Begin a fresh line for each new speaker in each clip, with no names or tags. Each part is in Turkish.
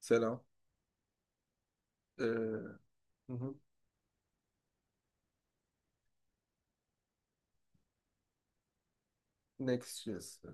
Selam. Hı hı. Next.js.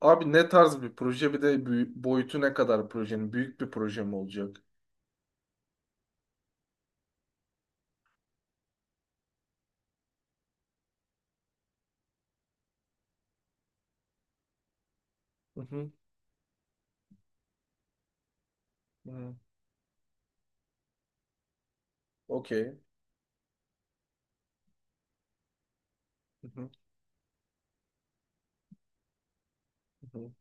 Abi ne tarz bir proje bir de boyutu ne kadar projenin? Büyük bir proje mi olacak? Hı hı. Hı. Okey. Hı hı. Hı hı.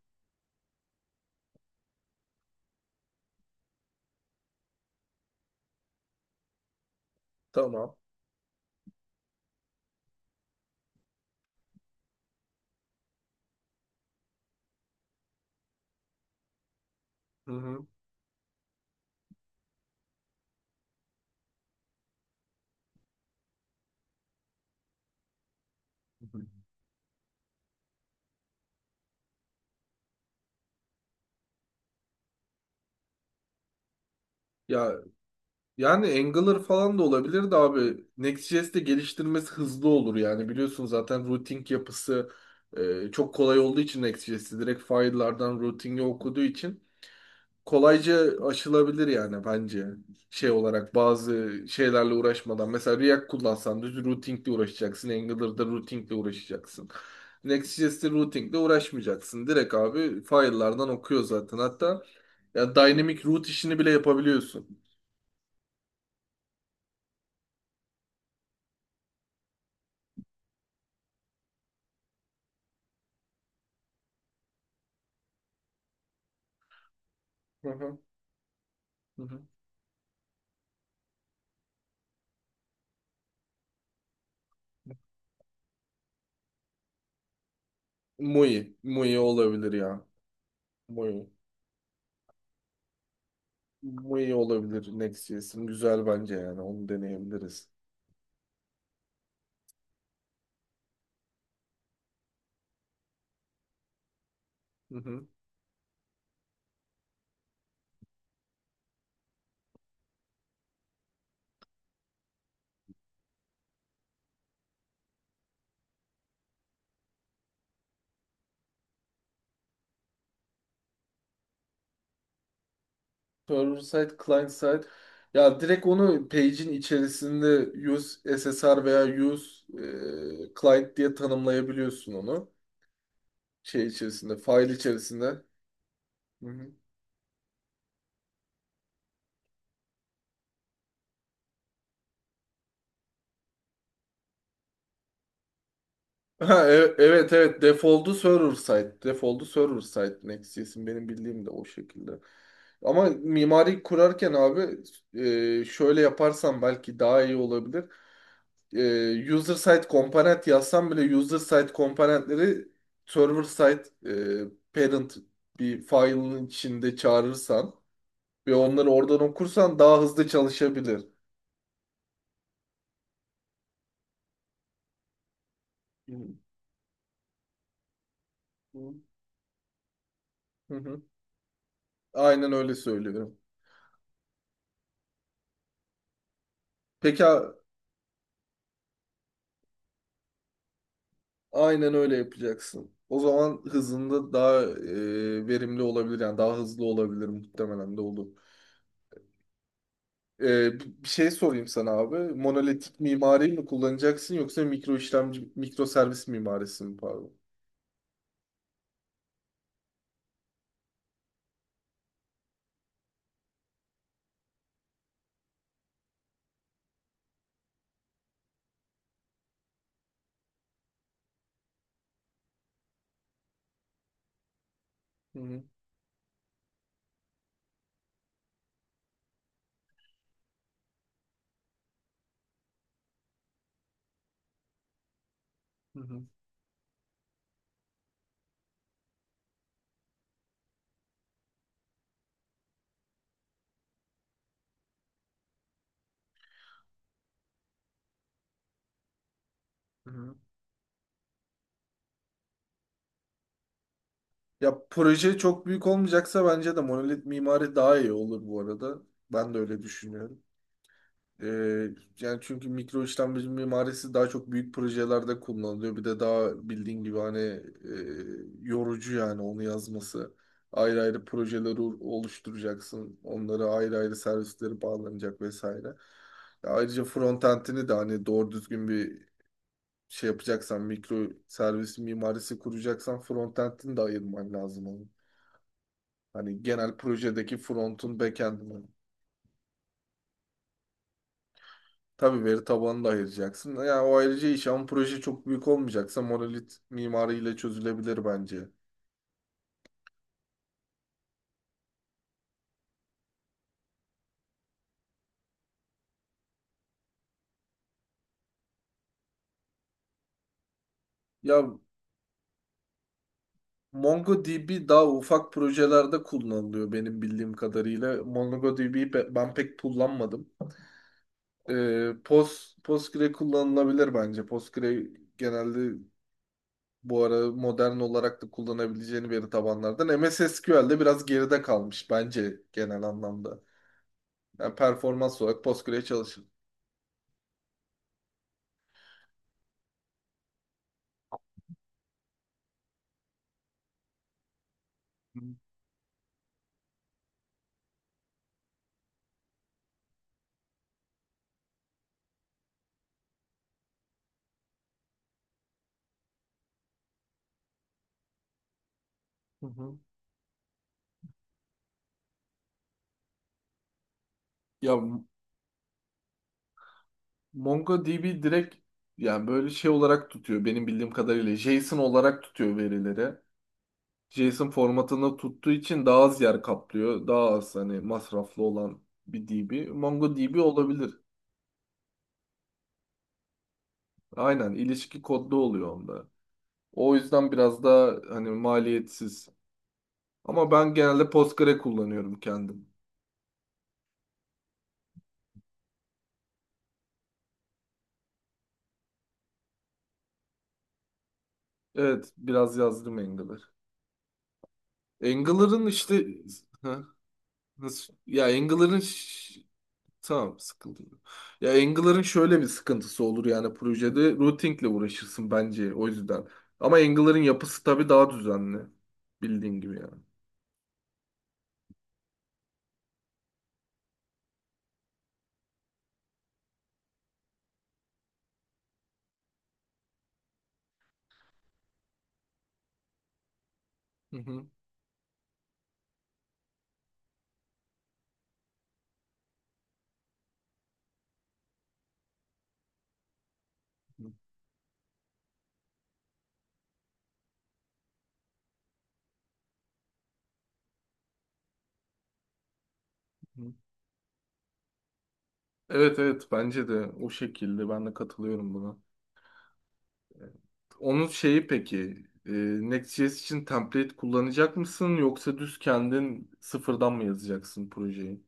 Tamam. Hı hı. Hı hı. Ya yani Angular falan da olabilir de abi Next.js'te geliştirmesi hızlı olur yani biliyorsun zaten routing yapısı çok kolay olduğu için Next.js'i direkt file'lardan routing'i okuduğu için kolayca aşılabilir yani bence. Şey olarak bazı şeylerle uğraşmadan. Mesela React kullansan düz routingle uğraşacaksın. Angular'da routingle uğraşacaksın. Next.js'te routingle uğraşmayacaksın. Direkt abi file'lardan okuyor zaten. Hatta ya dynamic route işini bile yapabiliyorsun. Hı hı. Hı hı. Muy, muy olabilir ya. Muy. Muy olabilir Next.js'in. Güzel bence yani. Onu deneyebiliriz. Hı hı. Server side, client side. Ya direkt onu page'in içerisinde use SSR veya use client diye tanımlayabiliyorsun onu. Şey içerisinde, file içerisinde. Hı hı. Ha, evet evet default'u server side. Default'u server side Next.js'in benim bildiğim de o şekilde. Ama mimari kurarken abi şöyle yaparsan belki daha iyi olabilir. User side komponent yazsam bile user side komponentleri server side parent bir file'ın içinde çağırırsan ve onları oradan okursan daha hızlı çalışabilir. Hı. Hı hı. Hı. Aynen öyle söylüyorum. Peki, aynen öyle yapacaksın. O zaman hızında daha verimli olabilir yani daha hızlı olabilir muhtemelen de olur. Bir şey sorayım sana abi. Monolitik mimariyi mi kullanacaksın yoksa mikro işlemci, mikro servis mimarisi mi pardon? Hı hı, hı hı, hı hı. Ya proje çok büyük olmayacaksa bence de monolit mimari daha iyi olur bu arada. Ben de öyle düşünüyorum. Ee, yani çünkü mikro işlemci mimarisi daha çok büyük projelerde kullanılıyor. Bir de daha bildiğin gibi hani yorucu yani onu yazması. Ayrı ayrı projeleri oluşturacaksın. Onlara ayrı ayrı servisleri bağlanacak vesaire. Ya ayrıca frontend'ini de hani doğru düzgün bir şey yapacaksan, mikro servis mimarisi kuracaksan frontend'ini de ayırman lazım onun. Hani genel projedeki front'un backend'ini. Tabii veri tabanını da ayıracaksın. Yani o ayrıca iş ama proje çok büyük olmayacaksa monolit mimariyle çözülebilir bence. Ya MongoDB daha ufak projelerde kullanılıyor benim bildiğim kadarıyla. MongoDB'yi ben pek kullanmadım. Postgre kullanılabilir bence. Postgre genelde bu ara modern olarak da kullanabileceğini veri tabanlardan. MS SQL'de biraz geride kalmış bence genel anlamda. Yani performans olarak Postgre çalışır. Hı hı. Ya MongoDB direkt yani böyle şey olarak tutuyor benim bildiğim kadarıyla. JSON olarak tutuyor verileri. JSON formatında tuttuğu için daha az yer kaplıyor. Daha az hani masraflı olan bir DB. MongoDB olabilir. Aynen ilişki kodlu oluyor onda. O yüzden biraz daha hani maliyetsiz. Ama ben genelde Postgre kullanıyorum kendim. Evet biraz yazdım Angular. Angular'ın işte. Heh, nasıl ya, Angular'ın. Tamam, sıkıntı yok. Ya Angler'ın şöyle bir sıkıntısı olur yani projede routingle uğraşırsın bence o yüzden. Ama Angler'ın yapısı tabii daha düzenli. Bildiğin gibi yani. Hı hı. Hı hı. Evet evet bence de o şekilde ben de katılıyorum buna. Evet. Onun şeyi peki, Next.js için template kullanacak mısın yoksa düz kendin sıfırdan mı yazacaksın projeyi?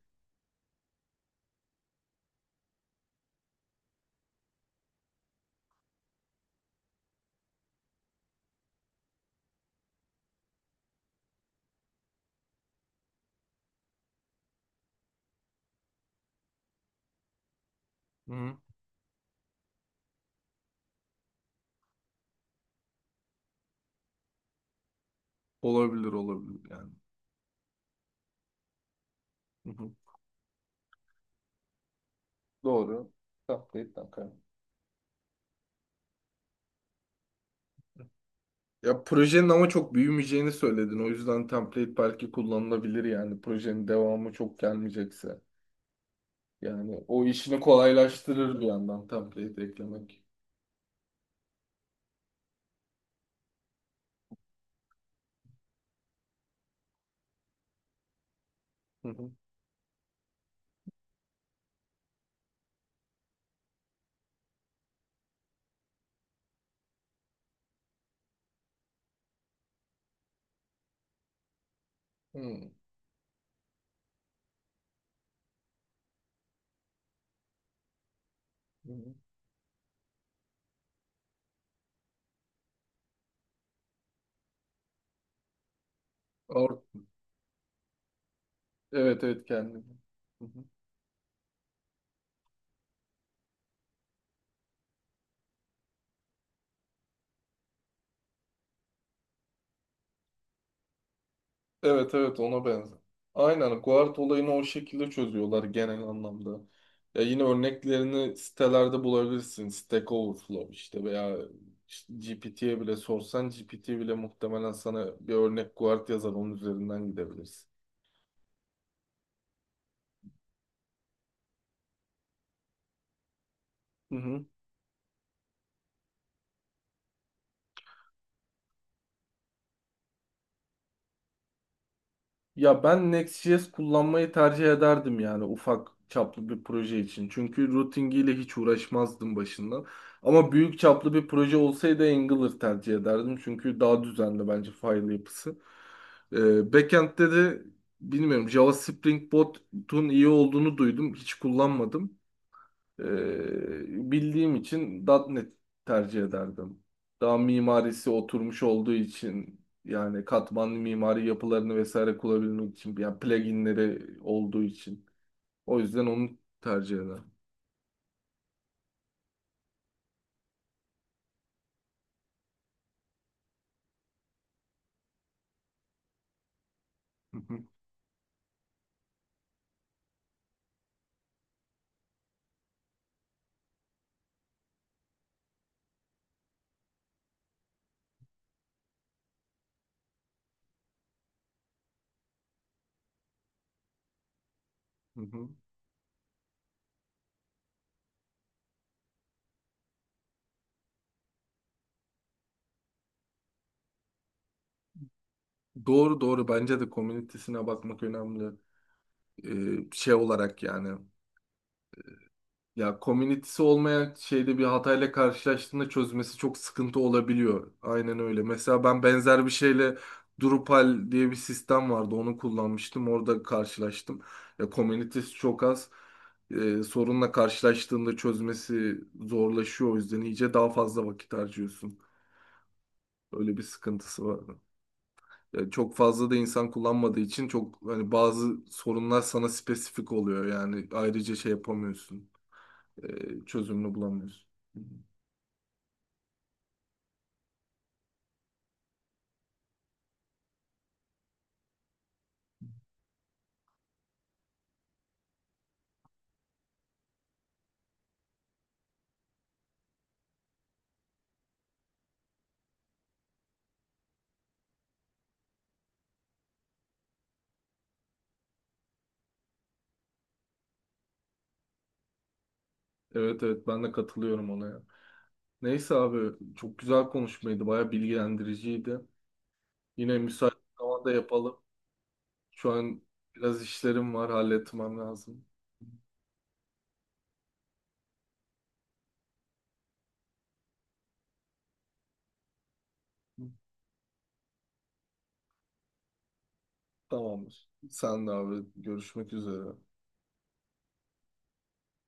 Hı hı. Olabilir olabilir yani. Hı hı. Doğru. Template'den kaynaklı. Ya projenin ama çok büyümeyeceğini söyledin. O yüzden template belki kullanılabilir yani. Projenin devamı çok gelmeyecekse. Yani o işini kolaylaştırır bir yandan template eklemek. Hı hı. Hı hı. Or- evet evet kendim. Evet evet ona benzer. Aynen guard olayını o şekilde çözüyorlar genel anlamda. Ya yine örneklerini sitelerde bulabilirsin. Stack Overflow işte veya GPT'ye bile sorsan GPT bile muhtemelen sana bir örnek guard yazar onun üzerinden gidebilirsin. Hı hı. Ya ben Next.js kullanmayı tercih ederdim yani ufak çaplı bir proje için. Çünkü routingiyle hiç uğraşmazdım başından. Ama büyük çaplı bir proje olsaydı Angular tercih ederdim. Çünkü daha düzenli bence file yapısı. Backend'de de bilmiyorum Java Spring Boot'un iyi olduğunu duydum. Hiç kullanmadım. Bildiğim için .nokta .NET tercih ederdim. Daha mimarisi oturmuş olduğu için yani katmanlı mimari yapılarını vesaire kullanabilmek için yani pluginleri olduğu için. O yüzden onu tercih ederim. Hı hı, hı hı. Doğru doğru bence de komünitesine bakmak önemli. Şey olarak yani. Ya komünitesi olmayan şeyde bir hatayla karşılaştığında çözmesi çok sıkıntı olabiliyor. Aynen öyle. Mesela ben benzer bir şeyle Drupal diye bir sistem vardı. Onu kullanmıştım. Orada karşılaştım. Ya komünitesi çok az. Sorunla karşılaştığında çözmesi zorlaşıyor. O yüzden iyice daha fazla vakit harcıyorsun. Öyle bir sıkıntısı var. Ya çok fazla da insan kullanmadığı için çok hani bazı sorunlar sana spesifik oluyor. Yani ayrıca şey yapamıyorsun. Çözümünü bulamıyorsun. Evet evet ben de katılıyorum ona ya. Neyse abi çok güzel konuşmaydı. Baya bilgilendiriciydi. Yine müsait bir zamanda yapalım. Şu an biraz işlerim var, halletmem lazım. Tamamdır. Sen de abi, görüşmek üzere.